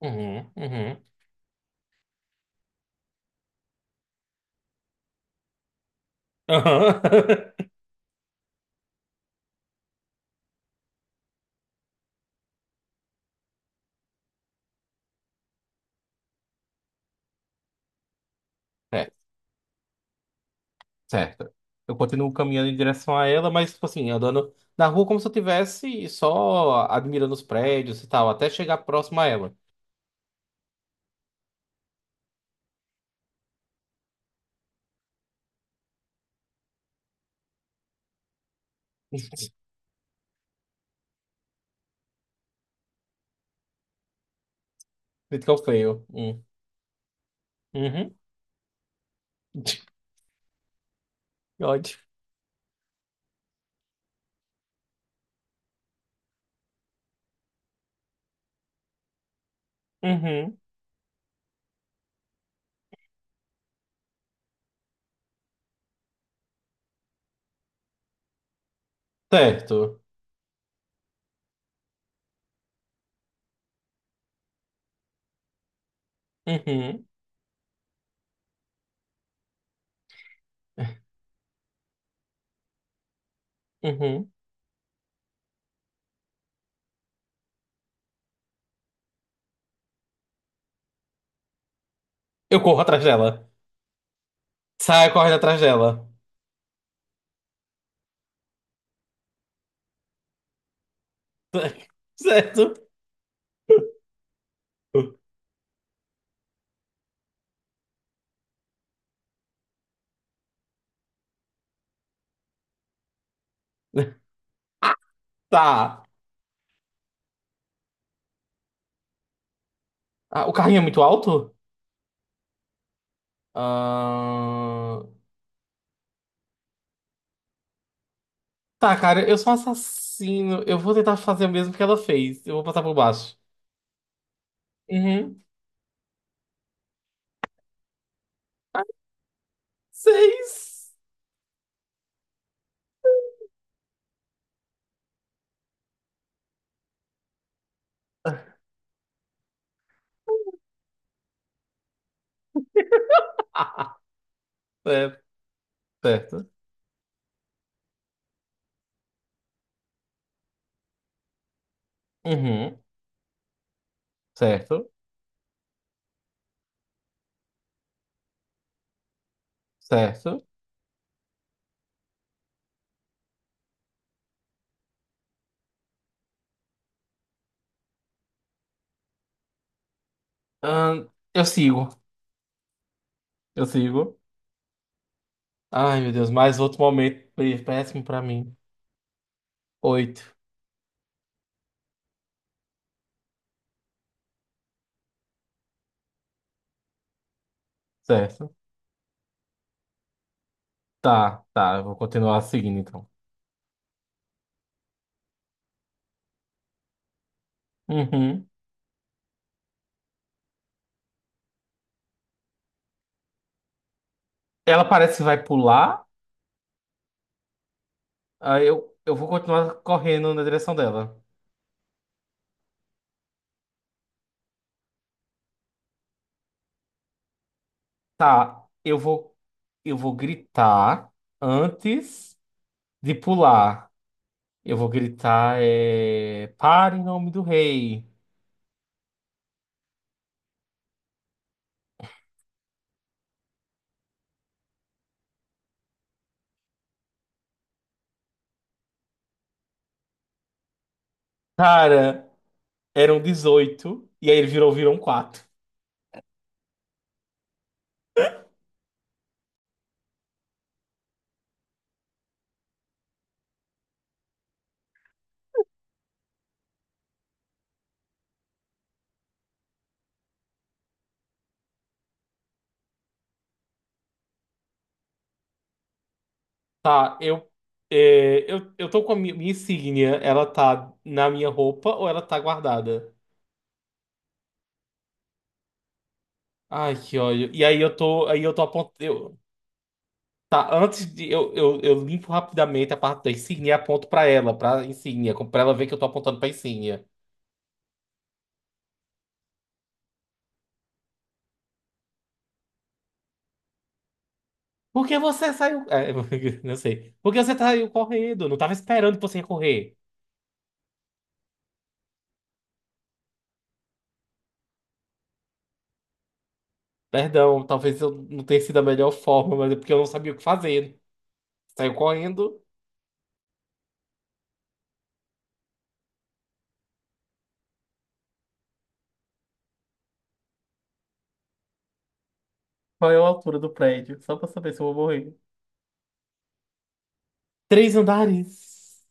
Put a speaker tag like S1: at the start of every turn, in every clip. S1: Uhum, uhum. Aham. É, certo. Eu continuo caminhando em direção a ela, mas, tipo assim, andando na rua como se eu tivesse só admirando os prédios e tal, até chegar próximo a ela. Critical fail. Hum. Uhum. Que ódio. Uhum. Certo. Uhum. Uhum. Eu corro atrás dela. Saio correndo atrás dela. Certo. Ah, tá. Ah, o carrinho é muito alto? Ahn, Tá, cara, eu sou um assassino. Eu vou tentar fazer o mesmo que ela fez. Eu vou passar por baixo. Uhum. Seis. É, certo. Uhum. Certo. Certo. Ahn, eu sigo. Eu sigo. Ai, meu Deus, mais outro momento péssimo pra mim. Oito. Certo. Tá, tá. Eu vou continuar seguindo então. Uhum. Ela parece que vai pular. Aí eu vou continuar correndo na direção dela. Tá, eu vou gritar antes de pular. Eu vou gritar. Para em nome do rei. Cara, eram 18 e aí ele virou, viram quatro. Tá, eu tô com a minha insígnia, ela tá na minha roupa ou ela tá guardada? Ai, que ódio. E aí eu tô apontando... Tá, antes de... Eu limpo rapidamente a parte da insígnia e aponto pra ela, pra insígnia, como pra ela ver que eu tô apontando pra insígnia. Porque você saiu. É, não sei. Porque você saiu correndo? Não tava esperando que você ia correr. Perdão, talvez eu não tenha sido a melhor forma, mas é porque eu não sabia o que fazer. Saiu correndo. Qual é a altura do prédio? Só pra saber se eu vou morrer. 3 andares.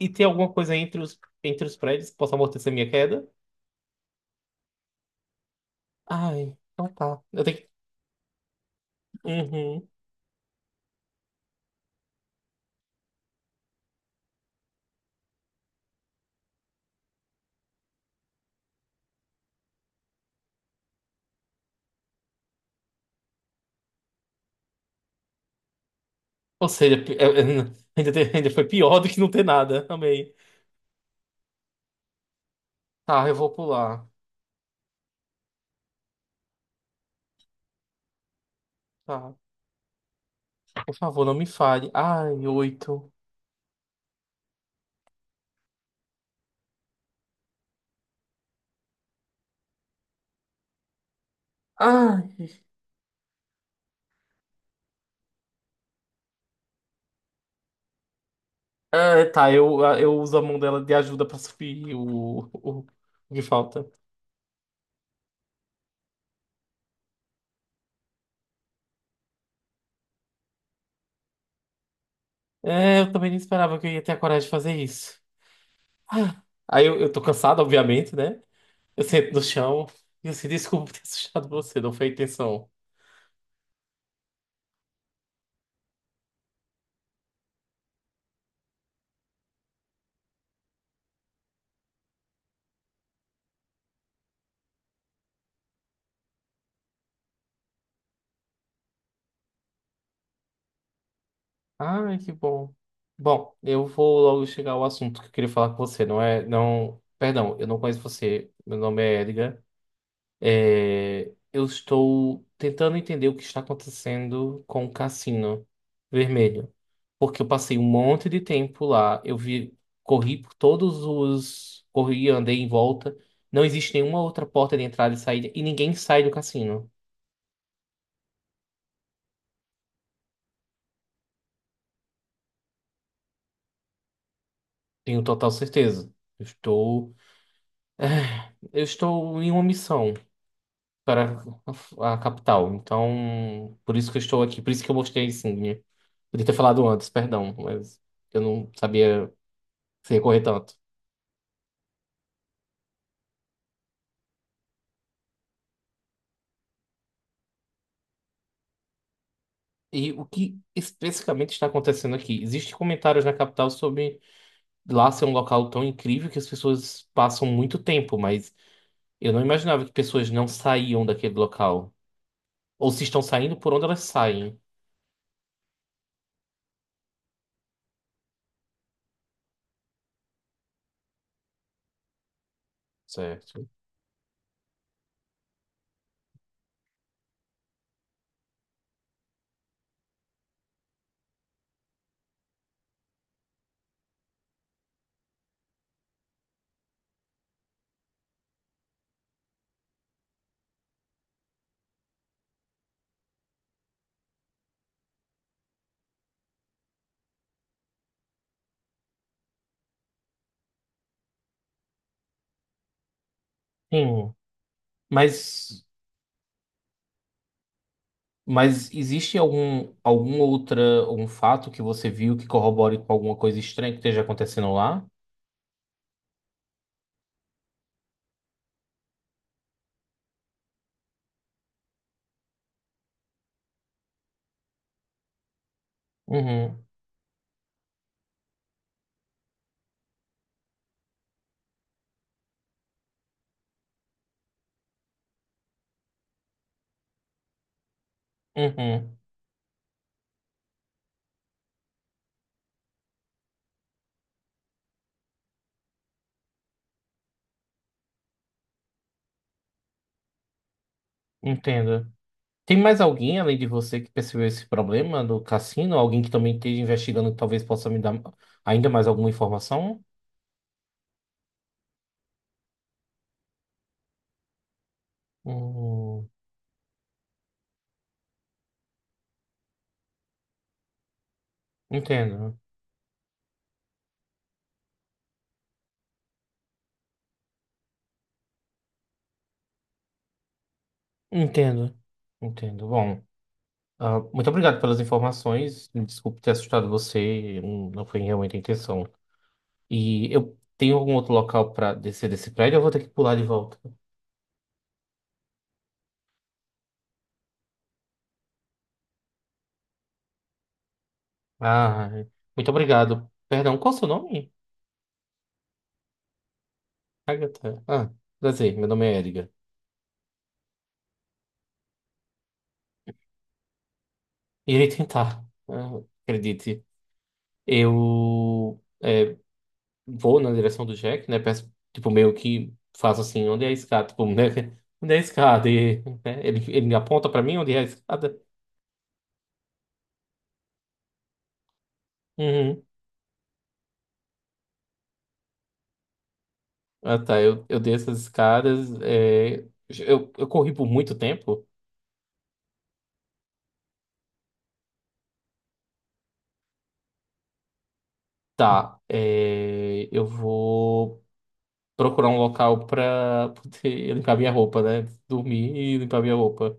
S1: E tem alguma coisa entre os prédios que possa amortecer minha queda? Ai, então tá. Eu tenho que. Uhum. Ou seja, ainda, ainda foi pior do que não ter nada. Amei. Tá, eu vou pular. Tá. Por favor, não me fale. Ai, oito. Ai. Ah, tá, eu uso a mão dela de ajuda pra subir o que falta. É, eu também não esperava que eu ia ter a coragem de fazer isso. Ah, aí eu tô cansado, obviamente, né? Eu sento no chão e eu assim, desculpa ter assustado você, não foi a intenção. Ai, que bom. Bom, eu vou logo chegar ao assunto que eu queria falar com você, não é? Não. Perdão, eu não conheço você. Meu nome é Edgar. É, eu estou tentando entender o que está acontecendo com o cassino vermelho. Porque eu passei um monte de tempo lá, eu vi, corri por todos os. Corri, andei em volta. Não existe nenhuma outra porta de entrada e saída, e ninguém sai do cassino. Tenho total certeza. Eu estou, eu estou em uma missão para a capital. Então, por isso que eu estou aqui, por isso que eu mostrei a insígnia. Podia ter falado antes, perdão, mas eu não sabia sem recorrer tanto. E o que especificamente está acontecendo aqui? Existem comentários na capital sobre lá ser um local tão incrível que as pessoas passam muito tempo, mas eu não imaginava que pessoas não saíam daquele local. Ou se estão saindo, por onde elas saem. Certo. Sim. Mas, mas existe algum fato que você viu que corrobore com alguma coisa estranha que esteja acontecendo lá? Uhum, uhum, entendo. Tem mais alguém além de você que percebeu esse problema do cassino? Alguém que também esteja investigando que talvez possa me dar ainda mais alguma informação? Hum, entendo, entendo, entendo. Bom, ah, muito obrigado pelas informações. Me desculpe ter assustado você, não foi realmente a intenção. E eu tenho algum outro local para descer desse prédio? Eu vou ter que pular de volta. Ah, muito obrigado. Perdão, qual o seu nome? Agatha. Ah, prazer, meu nome é Edgar. Irei tentar, ah, acredite. Eu vou na direção do Jack, né? Peço, tipo, meio que faço assim, onde é a escada? Tipo, né? Onde é a escada? E, né, Ele me aponta pra mim onde é a escada. Uhum. Ah, tá. Eu desço as escadas. É, eu corri por muito tempo. Tá. É, eu vou procurar um local pra poder limpar minha roupa, né? Dormir e limpar minha roupa.